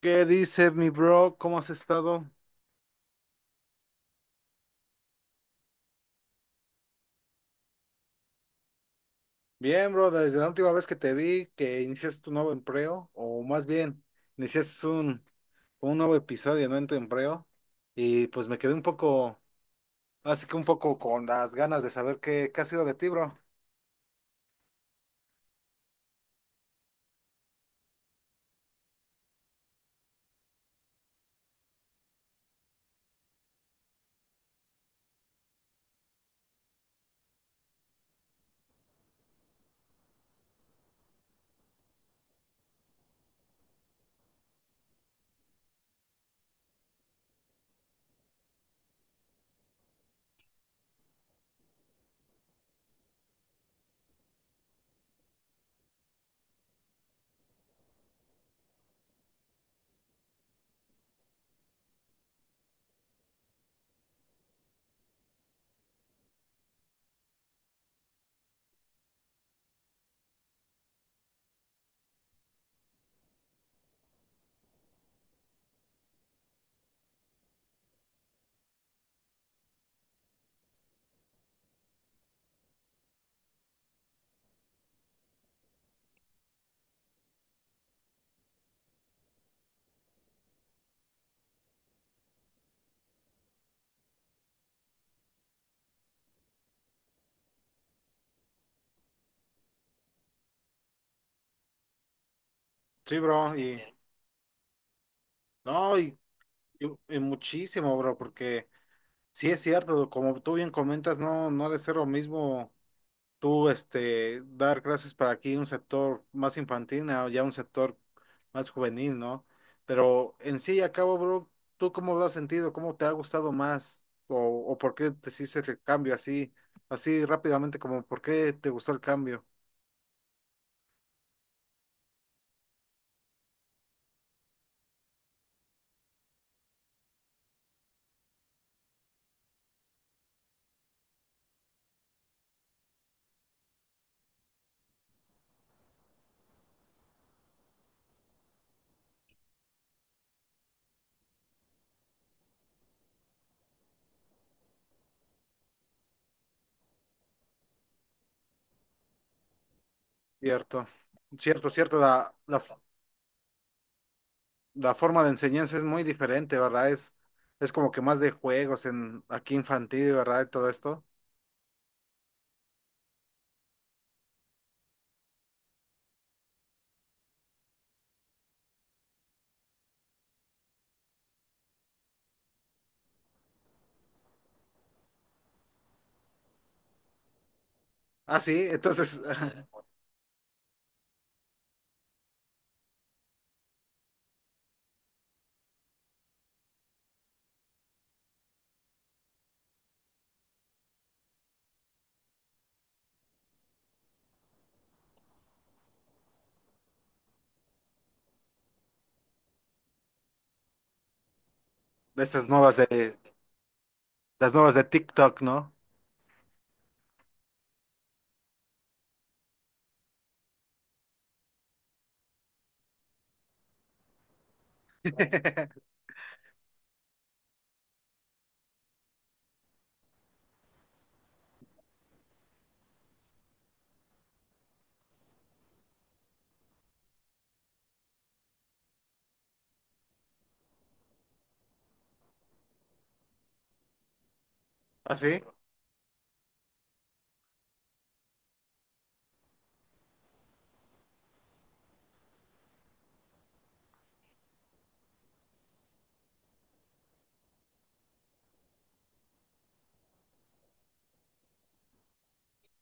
¿Qué dice mi bro? ¿Cómo has estado? Bien, bro, desde la última vez que te vi, que iniciaste tu nuevo empleo, o más bien, iniciaste un nuevo episodio, ¿no? En tu empleo, y pues me quedé un poco, así que un poco con las ganas de saber qué ha sido de ti, bro. Sí, bro, y no, y muchísimo, bro, porque sí es cierto, como tú bien comentas, no, no ha de ser lo mismo tú este, dar clases para aquí un sector más infantil o ya un sector más juvenil, ¿no? Pero en sí y a cabo, bro, ¿tú cómo lo has sentido? ¿Cómo te ha gustado más? O por qué te hiciste el cambio así, así rápidamente, como por qué te gustó el cambio? Cierto, cierto, cierto, la forma de enseñanza es muy diferente, ¿verdad? Es como que más de juegos en aquí infantil, ¿verdad? Y todo esto. Ah, sí, entonces, de estas nuevas de, las nuevas de TikTok, ¿no? Así,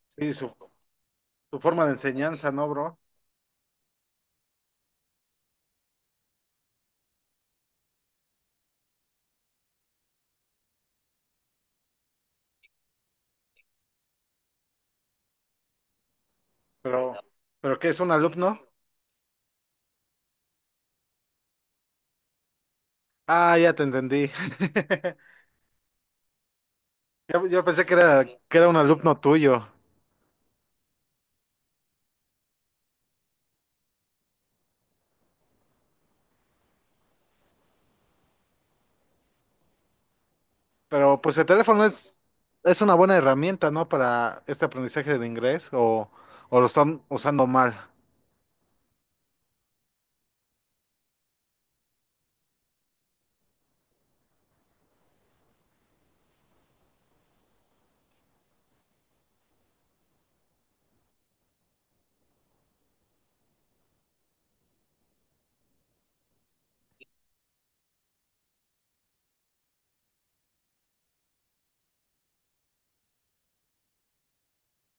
sí, su forma de enseñanza, ¿no, bro? Pero, pero ¿qué es un alumno? Ah, ya te entendí. Yo pensé que era un alumno tuyo, pero pues el teléfono es una buena herramienta, ¿no? Para este aprendizaje de inglés o lo están usando mal.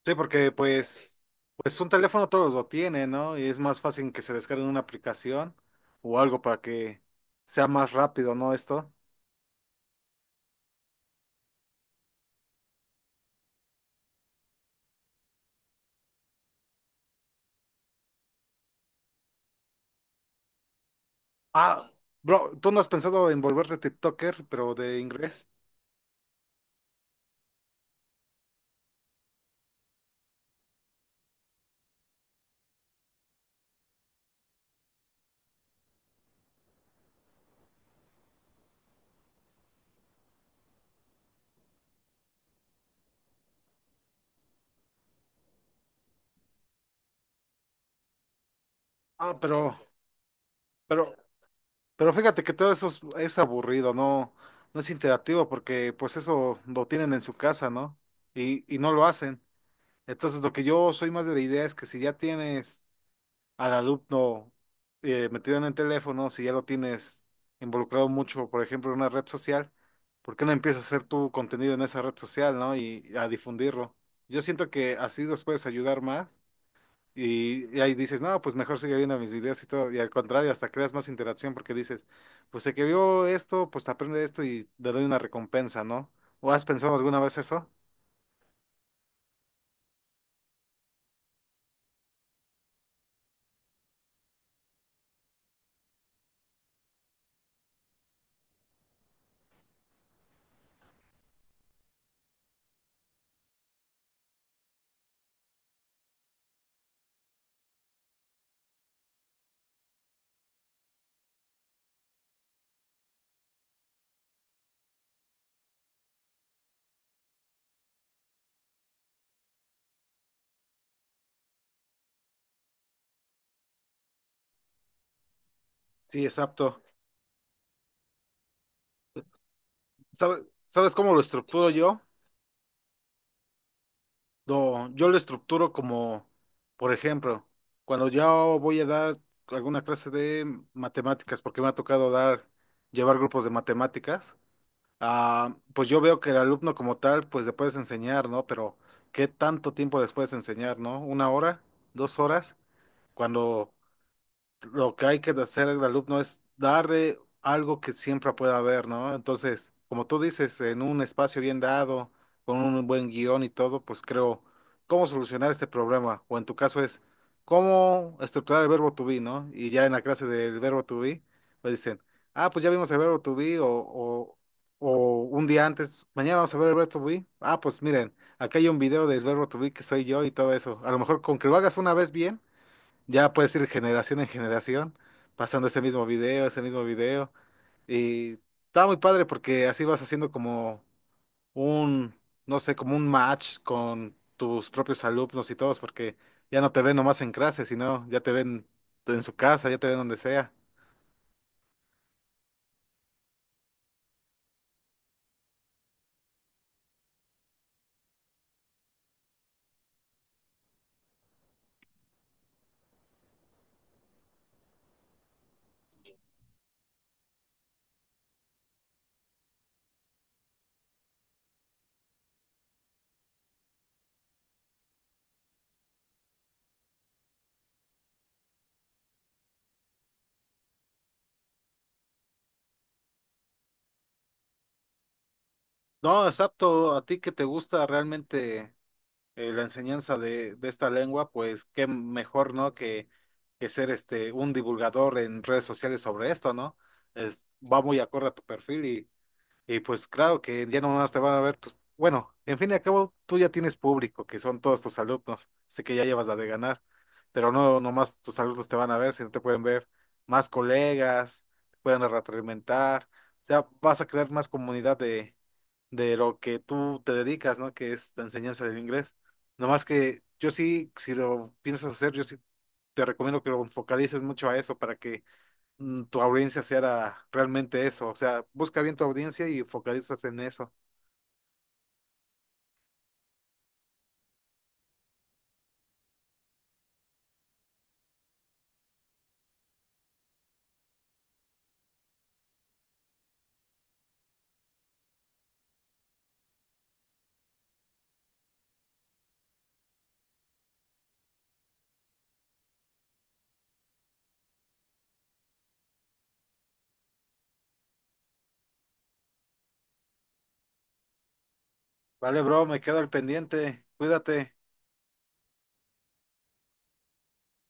Sí, porque pues, pues un teléfono todos lo tienen, ¿no? Y es más fácil que se descargue una aplicación o algo para que sea más rápido, ¿no? Esto. Ah, bro, ¿tú no has pensado en volverte TikToker, pero de inglés? Ah, pero, pero fíjate que todo eso es aburrido, no, no es interactivo porque pues eso lo tienen en su casa, ¿no? Y no lo hacen. Entonces lo que yo soy más de la idea es que si ya tienes al alumno metido en el teléfono, si ya lo tienes involucrado mucho, por ejemplo, en una red social, ¿por qué no empiezas a hacer tu contenido en esa red social, ¿no? Y a difundirlo. Yo siento que así los puedes ayudar más. Y ahí dices, no, pues mejor sigue viendo mis videos y todo. Y al contrario, hasta creas más interacción porque dices, pues el que vio esto, pues te aprende esto y te doy una recompensa, ¿no? ¿O has pensado alguna vez eso? Sí, exacto. ¿Sabes, sabes cómo lo estructuro yo? No, yo lo estructuro como, por ejemplo, cuando yo voy a dar alguna clase de matemáticas, porque me ha tocado dar, llevar grupos de matemáticas. Ah, pues yo veo que el alumno como tal, pues le puedes enseñar, ¿no? Pero ¿qué tanto tiempo les puedes enseñar, ¿no? ¿Una hora? ¿Dos horas? Cuando lo que hay que hacer al alumno es darle algo que siempre pueda ver, ¿no? Entonces, como tú dices, en un espacio bien dado, con un buen guión y todo, pues creo cómo solucionar este problema. O en tu caso es cómo estructurar el verbo to be, ¿no? Y ya en la clase del verbo to be, pues dicen, ah, pues ya vimos el verbo to be o un día antes, mañana vamos a ver el verbo to be. Ah, pues miren, acá hay un video del verbo to be que soy yo y todo eso. A lo mejor con que lo hagas una vez bien ya puedes ir generación en generación, pasando ese mismo video, ese mismo video. Y está muy padre porque así vas haciendo como un, no sé, como un match con tus propios alumnos y todos, porque ya no te ven nomás en clase, sino ya te ven en su casa, ya te ven donde sea. No, exacto, a ti que te gusta realmente. La enseñanza de esta lengua, pues qué mejor, ¿no? Que ser este un divulgador en redes sociales sobre esto, ¿no? Es, va muy acorde a tu perfil y pues claro que ya no más te van a ver tus... Bueno, en fin y al cabo, tú ya tienes público, que son todos tus alumnos. Sé que ya llevas la de ganar, pero no nomás tus alumnos te van a ver, sino te pueden ver más colegas, te pueden retroalimentar. O sea, vas a crear más comunidad de lo que tú te dedicas, ¿no? Que es la enseñanza del inglés. Nomás que yo sí, si lo piensas hacer, yo sí te recomiendo que lo focalices mucho a eso para que tu audiencia sea realmente eso. O sea, busca bien tu audiencia y focalizas en eso. Vale, bro, me quedo al pendiente. Cuídate.